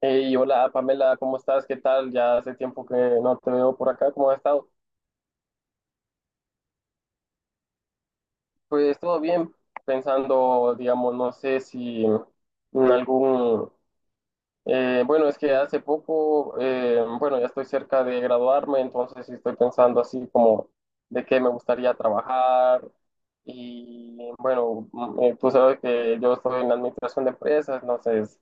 Hey, hola Pamela, ¿cómo estás? ¿Qué tal? Ya hace tiempo que no te veo por acá, ¿cómo has estado? Pues todo bien, pensando, digamos, no sé si en algún... bueno, es que hace poco, bueno, ya estoy cerca de graduarme, entonces sí estoy pensando así como de qué me gustaría trabajar y bueno, tú sabes que yo estoy en la administración de empresas, entonces,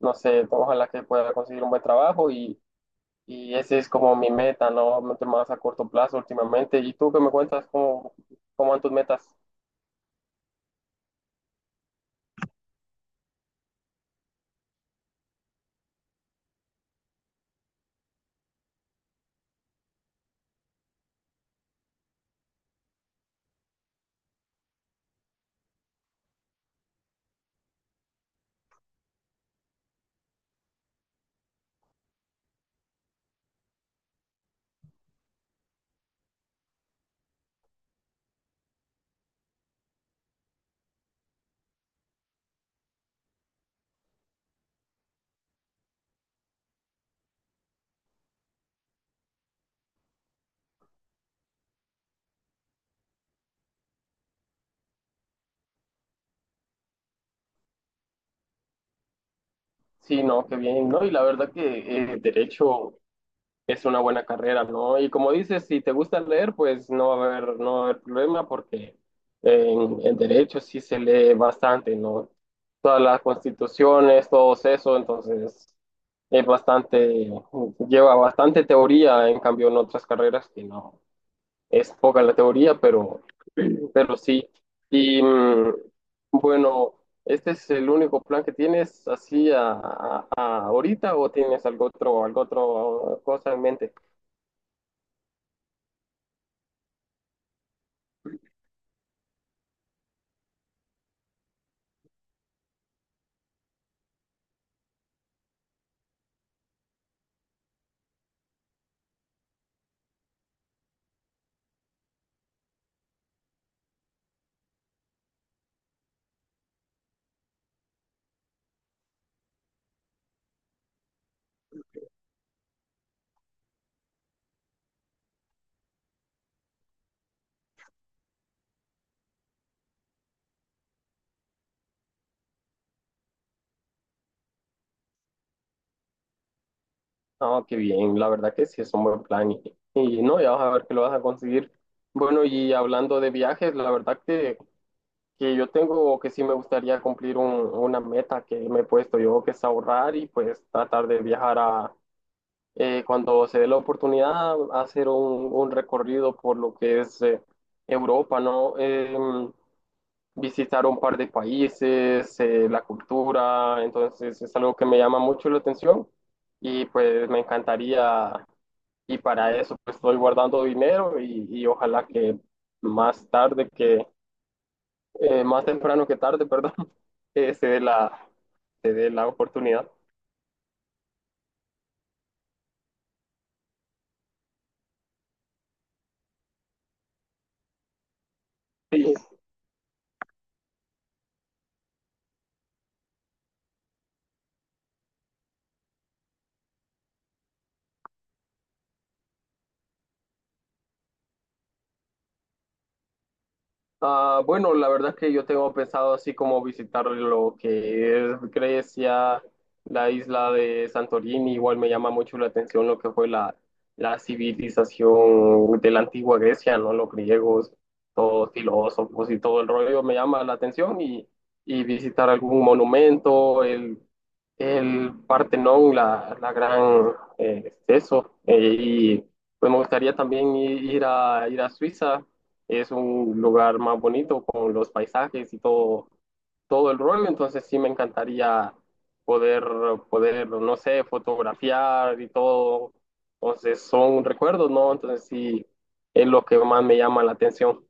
no sé, ojalá que pueda conseguir un buen trabajo. Y ese es como mi meta, ¿no? Más a corto plazo últimamente. ¿Y tú qué me cuentas? ¿Cómo van tus metas? Sí, no, qué bien, ¿no? Y la verdad que derecho es una buena carrera, ¿no? Y como dices, si te gusta leer, pues no va a haber problema porque en derecho sí se lee bastante, ¿no? Todas las constituciones, todo eso, entonces es bastante, lleva bastante teoría, en cambio en otras carreras que no. Es poca la teoría, pero sí. Y mm, bueno, ¿Este es el único plan que tienes así a ahorita o tienes algo otro cosa en mente? Ah, qué bien, la verdad que sí es un buen plan y no, ya vas a ver que lo vas a conseguir. Bueno, y hablando de viajes, la verdad que yo tengo o que sí me gustaría cumplir una meta que me he puesto yo, que es ahorrar y pues tratar de viajar a, cuando se dé la oportunidad, hacer un recorrido por lo que es Europa, ¿no? Visitar un par de países, la cultura, entonces es algo que me llama mucho la atención y pues me encantaría, y para eso pues estoy guardando dinero y ojalá que más tarde que, más temprano que tarde, perdón, eh, se dé la, se dé la oportunidad. Sí. Ah, bueno, la verdad es que yo tengo pensado así como visitar lo que es Grecia, la isla de Santorini, igual me llama mucho la atención lo que fue la civilización de la antigua Grecia, ¿no? Los griegos, todos filósofos y todo el rollo me llama la atención y visitar algún monumento, el Partenón, la gran y pues me gustaría también ir a Suiza, es un lugar más bonito con los paisajes y todo, todo el rollo, entonces sí me encantaría poder, poder, no sé, fotografiar y todo, entonces son recuerdos, ¿no? Entonces sí, es lo que más me llama la atención.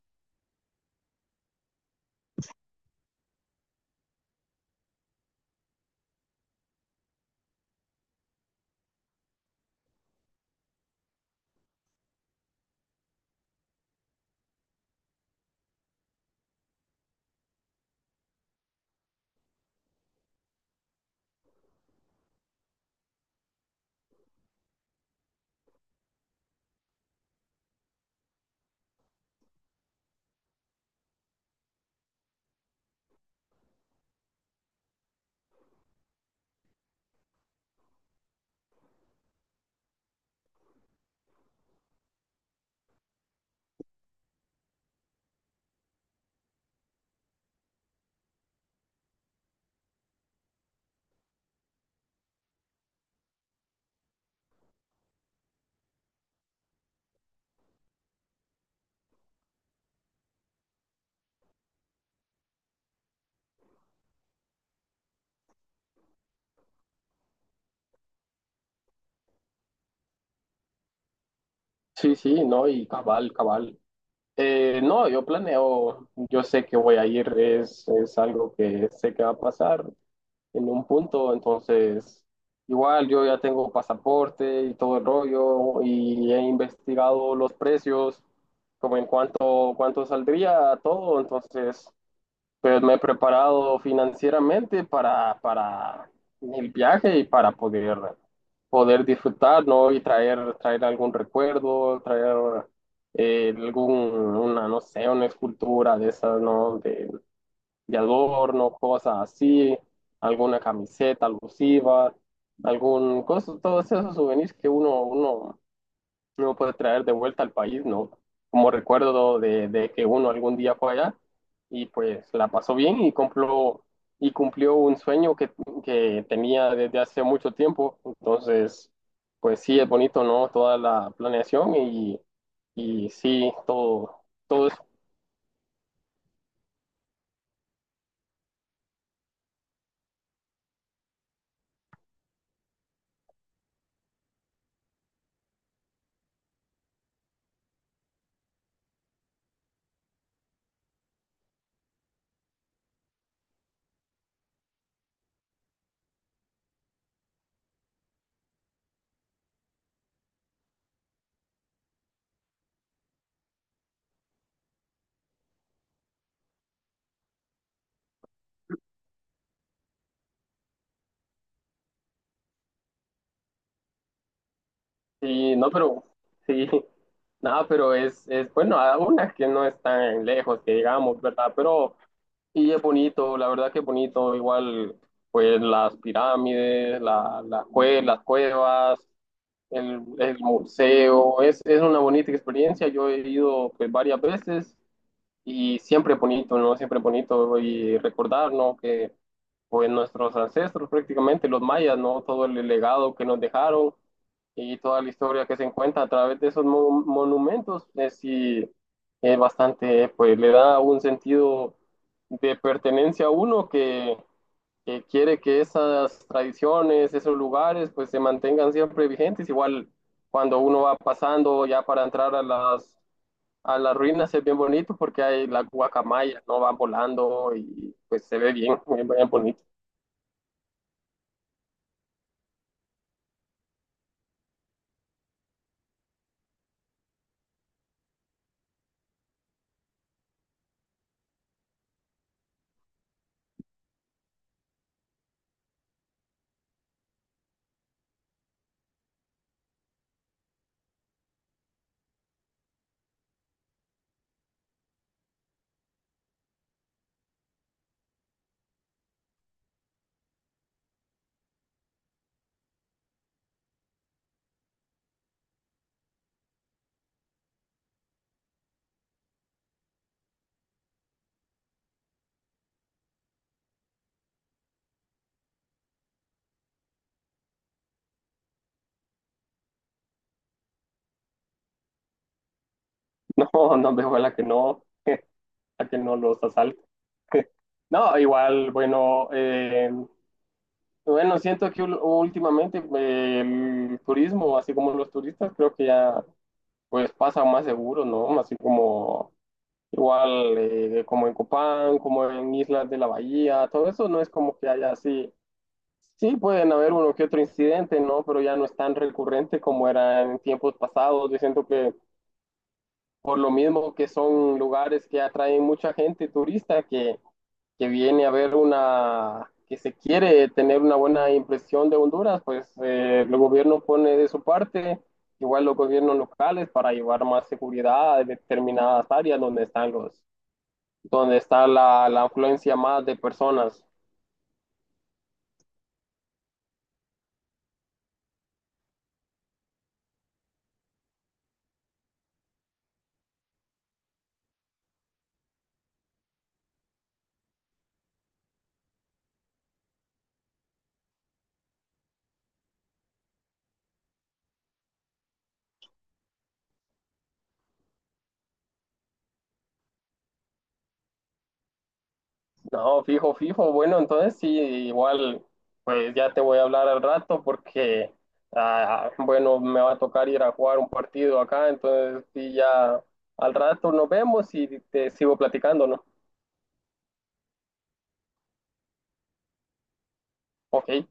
Sí, sí, no, y cabal, cabal. No, yo planeo, yo sé que voy a ir, es algo que sé que va a pasar, en un punto, entonces igual yo ya tengo pasaporte y todo el rollo y he investigado los precios, como en cuánto, cuánto saldría todo, entonces pues me he preparado financieramente para el viaje y para poder, poder disfrutar, ¿no? Y traer, traer algún recuerdo, traer algún, una, no sé, una escultura de esas, ¿no? De adorno, cosas así, alguna camiseta alusiva, algún coso, todos esos souvenirs que uno, uno no puede traer de vuelta al país, ¿no? Como recuerdo de que uno algún día fue allá y pues la pasó bien y cumplió un sueño que tenía desde hace mucho tiempo. Entonces, pues sí, es bonito, ¿no? Toda la planeación y sí, todo. Todo. Sí, no, pero sí, nada, pero es bueno, a unas que no están lejos, que digamos, ¿verdad? Pero, y es bonito, la verdad que es bonito, igual, pues las pirámides, las cuevas, el museo, es una bonita experiencia, yo he ido pues varias veces y siempre bonito, ¿no? Siempre bonito y recordar, ¿no? Que pues nuestros ancestros prácticamente, los mayas, ¿no? Todo el legado que nos dejaron y toda la historia que se encuentra a través de esos monumentos es, sí, es bastante, pues le da un sentido de pertenencia a uno que quiere que esas tradiciones, esos lugares, pues se mantengan siempre vigentes. Igual cuando uno va pasando ya para entrar a las ruinas es bien bonito porque hay las guacamayas, ¿no? Van volando y pues se ve bien, bien, bien bonito. No, no veo a la que no, a que no los asalte. No, igual, bueno, bueno, siento que últimamente el turismo, así como los turistas, creo que ya pues pasan más seguros, ¿no? Así como igual como en Copán, como en Islas de la Bahía, todo eso no es como que haya así. Sí, pueden haber uno que otro incidente, ¿no? Pero ya no es tan recurrente como era en tiempos pasados. Yo siento que por lo mismo que son lugares que atraen mucha gente turista que viene a ver una, que se quiere tener una buena impresión de Honduras, pues el gobierno pone de su parte, igual los gobiernos locales para llevar más seguridad a determinadas áreas donde están los, donde está la afluencia más de personas. No, fijo, fijo. Bueno, entonces sí, igual, pues ya te voy a hablar al rato porque, ah, bueno, me va a tocar ir a jugar un partido acá, entonces sí, ya al rato nos vemos y te sigo platicando, ¿no? Ok.